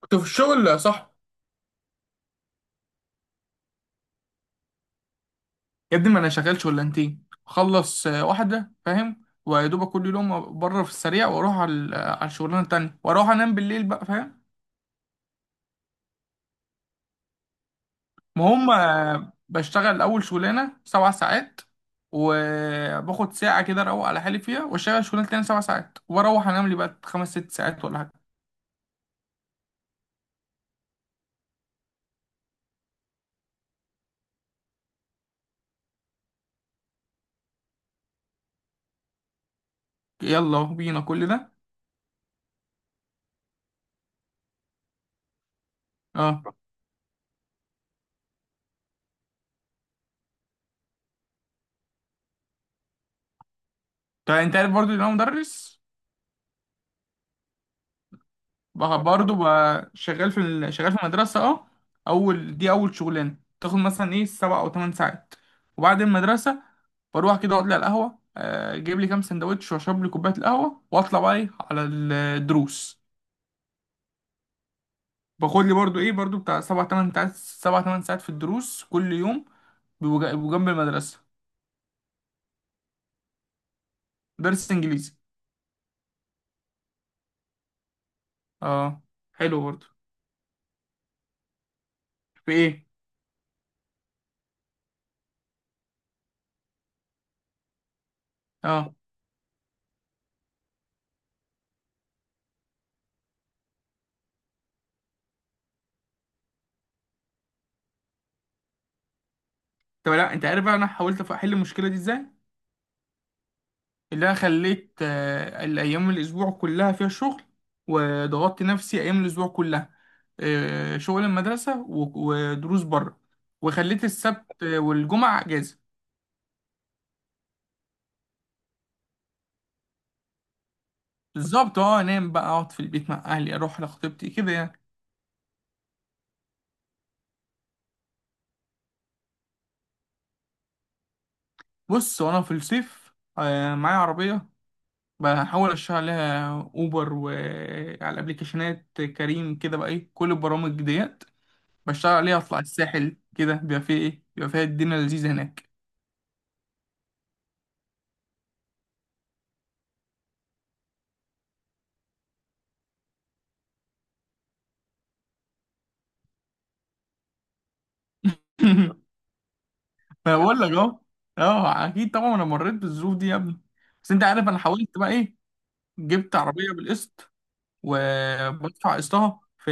كنت في الشغل يا صاحبي. يا ابني ما انا شغال شغلانتين اخلص، واحده فاهم. ويا دوبك كل يوم بره في السريع واروح على على الشغلانه التانيه واروح انام بالليل بقى فاهم. ما هم بشتغل اول شغلانه 7 ساعات. وباخد ساعه كده اروق على حالي فيها واشتغل الشغلانه التانيه 7 ساعات واروح انام لي بقى خمس ست ساعات ولا حاجه. يلا بينا كل ده. اه، طيب انت عارف برضو ان انا مدرس. برضو بقى شغال في المدرسة. اه. أول دي أول شغلانة تاخد مثلا إيه 7 أو 8 ساعات. وبعد المدرسة بروح كده أقعد لي على القهوة، أجيب لي كام سندوتش وأشرب لي كوباية القهوة وأطلع بقى إيه على الدروس. باخد لي برضو إيه برضو بتاع 7 8 ساعات 7 8 ساعات في الدروس كل يوم. بيبقوا جنب المدرسة. درس إنجليزي. اه، حلو برضو. في إيه؟ اه، طب لا أنت عارف بقى أنا حاولت أحل المشكلة دي إزاي. اللي انا خليت الايام الاسبوع كلها فيها شغل. وضغطت نفسي ايام الاسبوع كلها، شغل المدرسه و- ودروس بره. وخليت السبت والجمعه اجازه. بالظبط اه، انام بقى اقعد في البيت مع اهلي اروح لخطيبتي كده يعني. بص وانا في الصيف، معايا عربيه. بحاول اشتغل عليها اوبر وعلى الابليكيشنات كريم كده بقى ايه كل البرامج ديت. بشتغل عليها اطلع الساحل كده بيبقى فيه ايه بيبقى فيها الدنيا لذيذه هناك. انا بقول لك اهو. اه، اكيد طبعا انا مريت بالظروف دي يا ابني. بس انت عارف انا حاولت بقى ايه. جبت عربيه بالقسط وبدفع قسطها في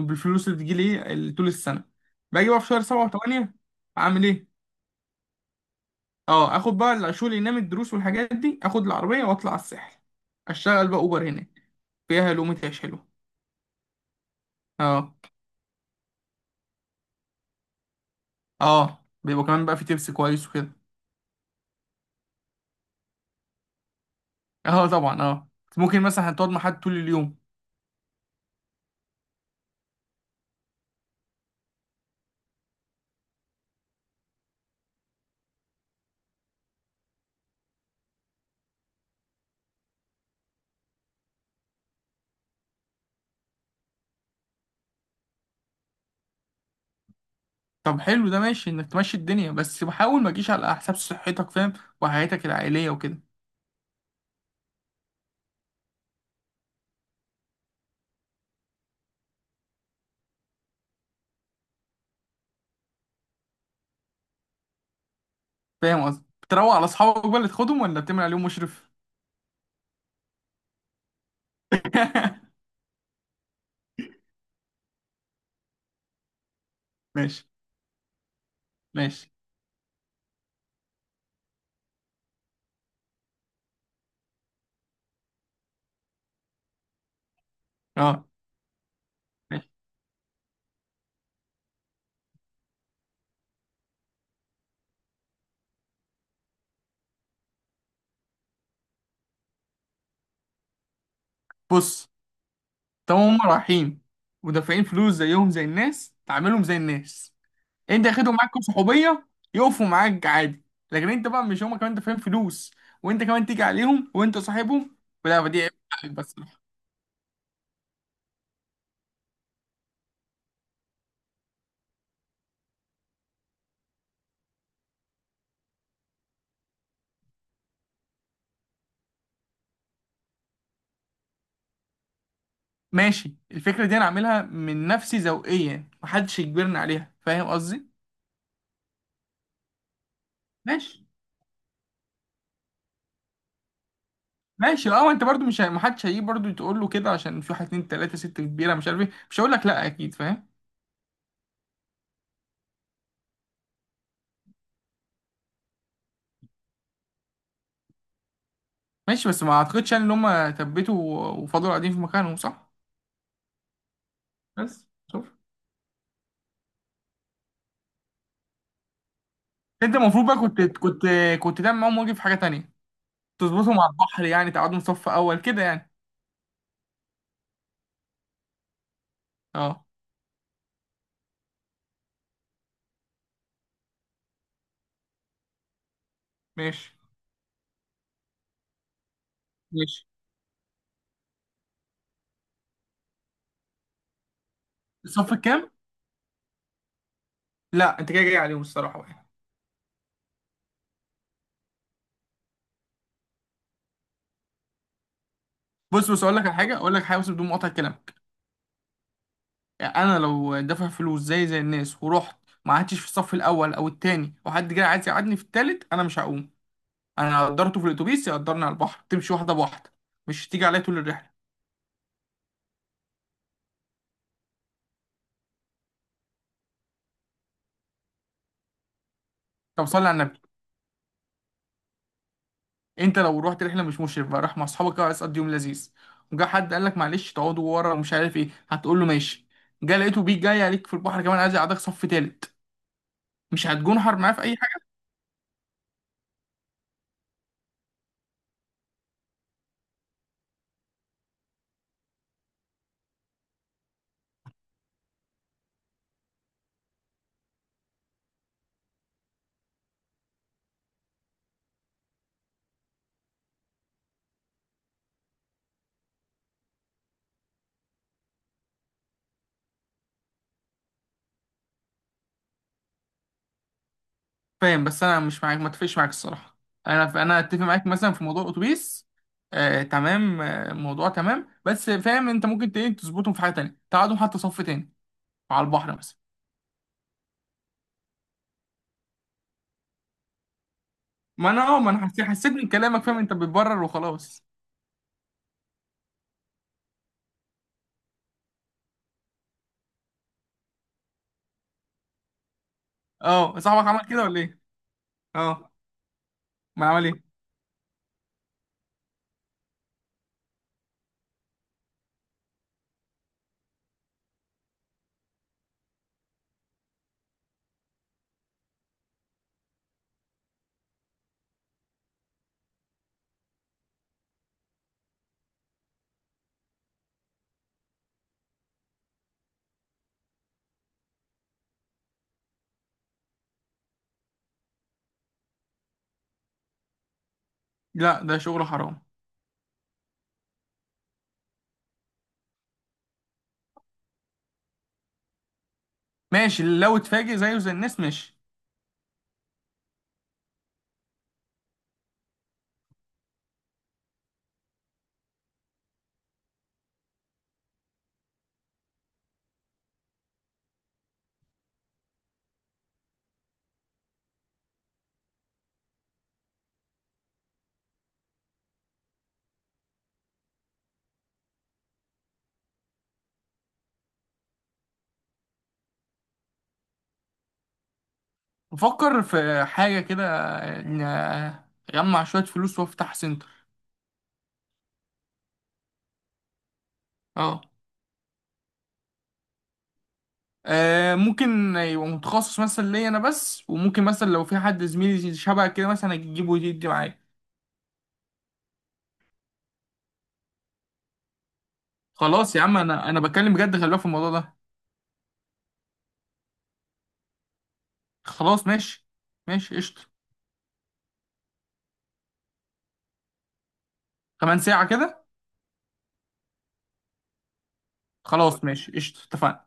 بالفلوس اللي بتجيلي ايه طول السنه. باجي بقى في شهر 7 و8. اعمل ايه. اه، اخد بقى الشغل اللي ينام الدروس والحاجات دي اخد العربيه واطلع على الساحل. اشتغل بقى اوبر هناك. فيها لقمة عيش حلوه. اه. اه، بيبقى كمان بقى في تبس كويس وكده. اه طبعا اه. ممكن مثلا هتقعد مع حد طول اليوم. طب حلو ده ماشي انك تمشي الدنيا بس بحاول ما تجيش على حساب صحتك فاهم. وحياتك العائليه وكده. فاهم قصدي؟ بتروق على اصحابك بقى اللي تاخدهم ولا بتعمل عليهم مشرف؟ ماشي. ماشي. اه، ماشي. بص، طب هم رايحين ودافعين فلوس زيهم زي الناس تعاملهم زي الناس. انت اخدهم معاك صحوبيه يقفوا معاك عادي. لكن انت بقى مش هما كمان دافعين فلوس؟ وانت كمان تيجي عليهم وانت صاحبهم. لا دي عيب حقك بس. ماشي الفكرة دي انا عاملها من نفسي ذوقيا محدش يجبرني عليها فاهم قصدي. ماشي. ماشي اه، انت برضو مش محدش هيجي برضو تقول له كده عشان في واحد اتنين تلاتة ست كبيرة مش عارف ايه مش هقول لك لا اكيد فاهم. ماشي بس ما اعتقدش يعني ان هم ثبتوا وفضلوا قاعدين في مكانهم صح. بس شوف، انت المفروض بقى كنت تعمل معاهم واجب في حاجة تانية. تظبطهم على البحر يعني تقعدهم صف اول كده يعني. اه، ماشي. ماشي. الصف الكام؟ لا انت كده جاي عليهم الصراحة بقى. بص بص اقول لك على حاجة اقول لك حاجة بس بدون مقاطعة الكلام. يعني انا لو دافع فلوس زي الناس ورحت ما قعدتش في الصف الاول او التاني وحد جاي عايز يقعدني في التالت انا مش هقوم. انا قدرته في الاتوبيس يقدرني على البحر تمشي واحده بواحده. مش تيجي عليا طول الرحله. طب صلي على النبي. انت لو رحت رحله مش مشرف بقى راح مع اصحابك كده عايز تقضي يوم لذيذ وجا حد قال لك معلش تقعدوا ورا ومش عارف ايه هتقول له ماشي. جا لقيته بيك جاي عليك في البحر كمان عايز يقعدك صف تالت. مش هتجون حر معاه في اي. فاهم بس انا مش معاك ما اتفقش معاك الصراحه. انا اتفق معاك مثلا في موضوع الاتوبيس. آه تمام، آه الموضوع تمام بس فاهم انت ممكن تظبطهم في حاجه تانية تقعدهم حتى صف تاني على البحر مثلا. ما انا حسيت حسيت من كلامك فاهم انت بتبرر وخلاص. اه، صاحبك عمل كده ولا ايه؟ اه. ما عمل ايه. لا ده شغل حرام. ماشي لو اتفاجئ زيه زي الناس ماشي. بفكر في حاجه كده، اجمع شويه فلوس وافتح سنتر. اه، ممكن يبقى متخصص مثلا ليا انا بس وممكن مثلا لو في حد زميلي شبه كده مثلا اجيبه ويدي معايا. خلاص يا عم، انا بتكلم بجد خلي بالك في الموضوع ده. خلاص ماشي. ماشي قشطه. كمان ساعه كده. خلاص ماشي قشطه اتفقنا.